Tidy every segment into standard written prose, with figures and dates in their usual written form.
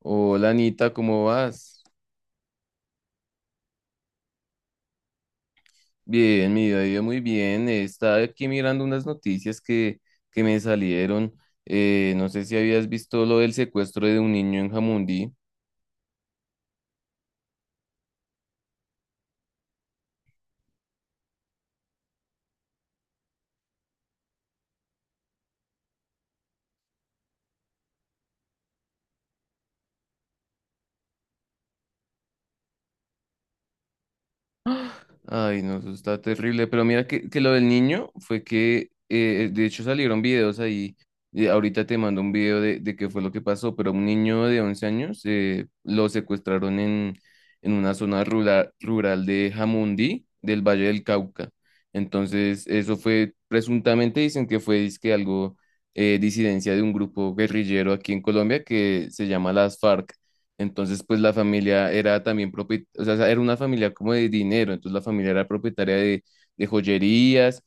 Hola Anita, ¿cómo vas? Bien, mi día vida, yo muy bien. Estaba aquí mirando unas noticias que me salieron. No sé si habías visto lo del secuestro de un niño en Jamundí. Ay, no, eso está terrible. Pero mira que lo del niño fue que, de hecho, salieron videos ahí. Ahorita te mando un video de qué fue lo que pasó, pero un niño de 11 años lo secuestraron en una zona rural de Jamundí, del Valle del Cauca. Entonces, eso fue, presuntamente dicen que fue dizque algo, disidencia de un grupo guerrillero aquí en Colombia que se llama las FARC. Entonces, pues la familia era también propietaria, o sea, era una familia como de dinero, entonces la familia era propietaria de joyerías,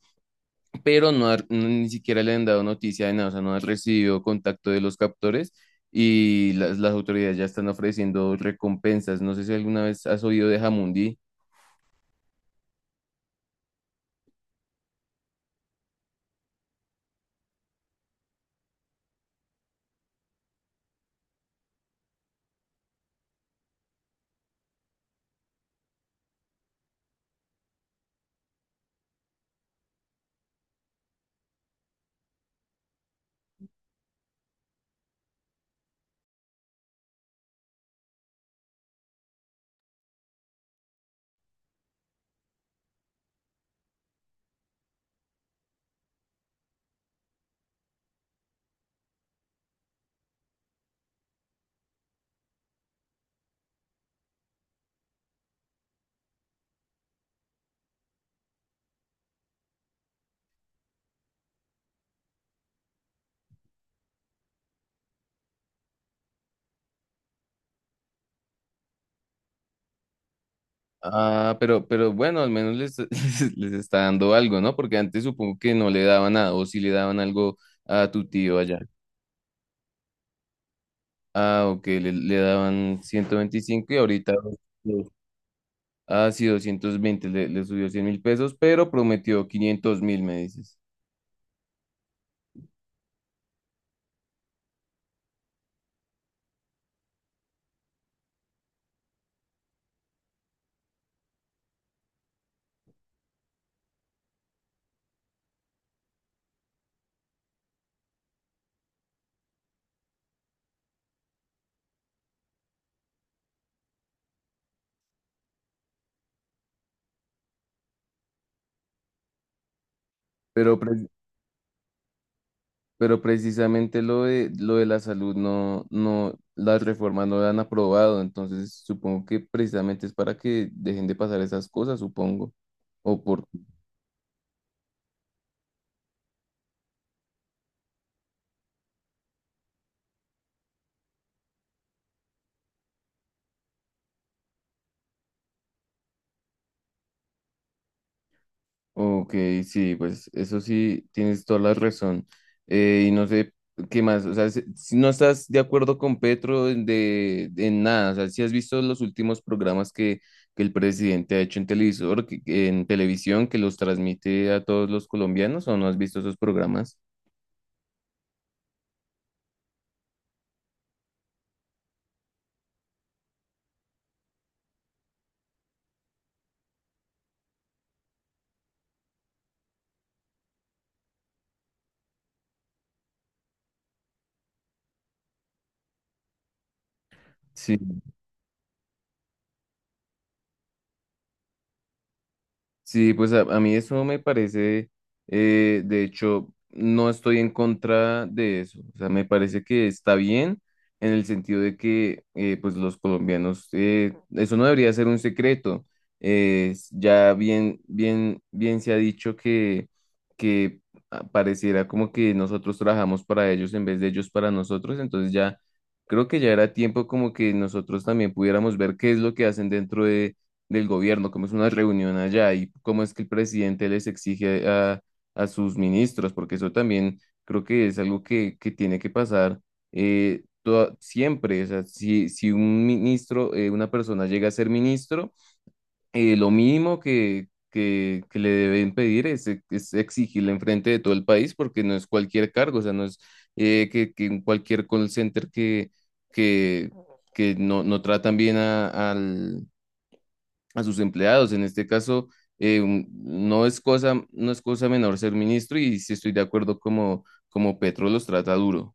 pero no, no, ni siquiera le han dado noticia de nada, o sea, no han recibido contacto de los captores y las autoridades ya están ofreciendo recompensas. No sé si alguna vez has oído de Jamundí. Ah, pero bueno, al menos les está dando algo, ¿no? Porque antes supongo que no le daban nada, o si le daban algo a tu tío allá. Ah, ok, le daban 125 y ahorita... Ah, sí, 220, le subió 100 mil pesos, pero prometió 500 mil, me dices. Pero, pero precisamente lo lo de la salud no, las reformas no la han aprobado, entonces supongo que precisamente es para que dejen de pasar esas cosas, supongo. O por Ok, sí, pues eso sí, tienes toda la razón. Y no sé qué más, o sea, si no estás de acuerdo con Petro en nada, o sea, si has visto los últimos programas que el presidente ha hecho en televisor, que en televisión, que los transmite a todos los colombianos, ¿o no has visto esos programas? Sí. Sí, pues a mí eso me parece, de hecho, no estoy en contra de eso. O sea, me parece que está bien en el sentido de que, pues los colombianos, eso no debería ser un secreto. Ya bien se ha dicho que ah, pareciera como que nosotros trabajamos para ellos en vez de ellos para nosotros. Entonces ya creo que ya era tiempo como que nosotros también pudiéramos ver qué es lo que hacen dentro del gobierno, cómo es una reunión allá y cómo es que el presidente les exige a sus ministros, porque eso también creo que es algo que tiene que pasar siempre. O sea, si un ministro, una persona llega a ser ministro, lo mínimo que le deben pedir es exigirle enfrente de todo el país, porque no es cualquier cargo, o sea, no es que en cualquier call center que que no tratan bien al, a sus empleados. En este caso, no es cosa, no es cosa menor ser ministro y sí estoy de acuerdo como Petro los trata duro.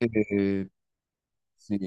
Eh, sí.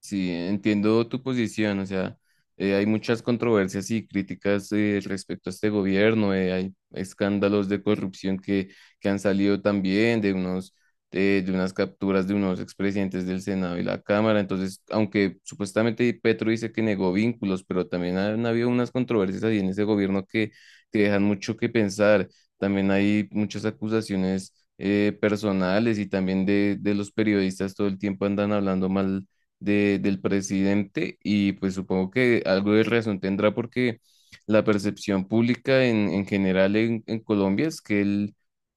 Sí, entiendo tu posición, o sea, hay muchas controversias y críticas respecto a este gobierno, hay escándalos de corrupción que han salido también de unos, de unas capturas de unos expresidentes del Senado y la Cámara, entonces, aunque supuestamente Petro dice que negó vínculos, pero también han habido unas controversias ahí en ese gobierno que dejan mucho que pensar, también hay muchas acusaciones personales y también de los periodistas todo el tiempo andan hablando mal del presidente y pues supongo que algo de razón tendrá porque la percepción pública en general en Colombia es que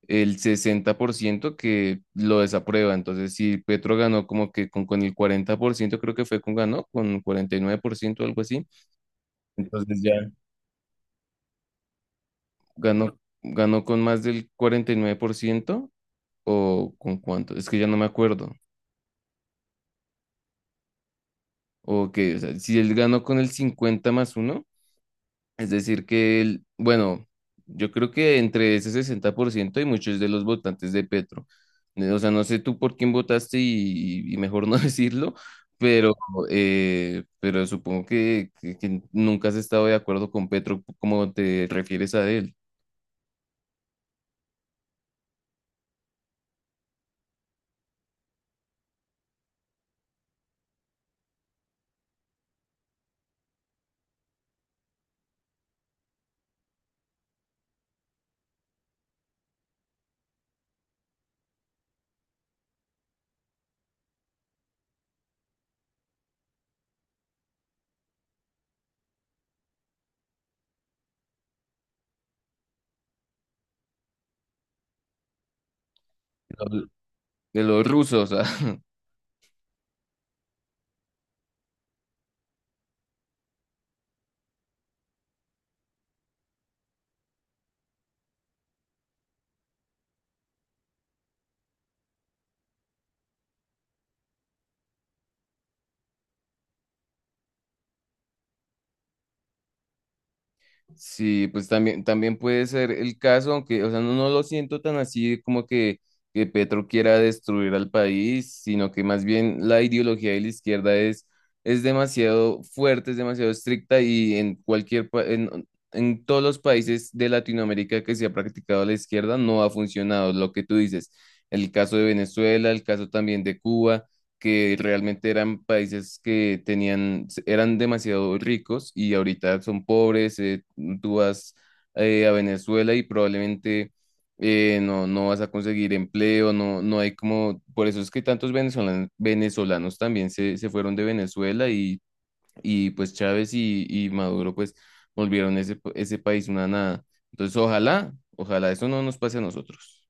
el 60% que lo desaprueba. Entonces, si Petro ganó como que con el 40%, creo que fue con ganó, con 49% o algo así. Entonces ya ganó, ganó con más del 49% o con cuánto, es que ya no me acuerdo. O que, o sea, si él ganó con el 50 más uno. Es decir, que él, bueno, yo creo que entre ese 60% hay muchos de los votantes de Petro. O sea, no sé tú por quién votaste y mejor no decirlo, pero, pero supongo que nunca has estado de acuerdo con Petro como te refieres a él, de los rusos. ah. Sí, pues también, también puede ser el caso, aunque, o sea, no, no lo siento tan así como que Petro quiera destruir al país, sino que más bien la ideología de la izquierda es demasiado fuerte, es demasiado estricta y en en todos los países de Latinoamérica que se ha practicado la izquierda no ha funcionado, lo que tú dices, el caso de Venezuela, el caso también de Cuba que realmente eran países que tenían, eran demasiado ricos y ahorita son pobres, tú vas a Venezuela y probablemente no vas a conseguir empleo, no hay como, por eso es que tantos venezolanos, venezolanos también se fueron de Venezuela y pues Chávez y Maduro pues volvieron ese país una nada. Entonces, ojalá, ojalá eso no nos pase a nosotros.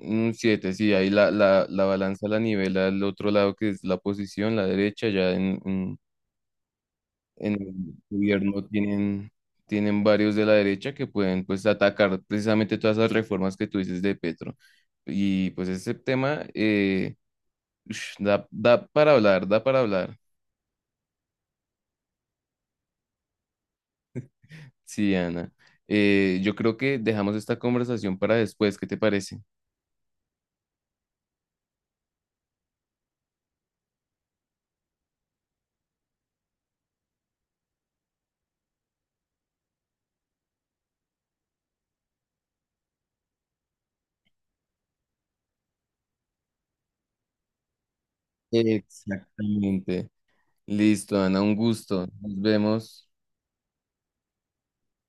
Un 7, sí, ahí la balanza la nivela al otro lado que es la oposición, la derecha, ya en el gobierno tienen varios de la derecha que pueden pues atacar precisamente todas esas reformas que tú dices de Petro. Y pues ese tema ush, da para hablar, da para hablar. Sí, Ana. Yo creo que dejamos esta conversación para después, ¿qué te parece? Exactamente. Listo, Ana, un gusto. Nos vemos.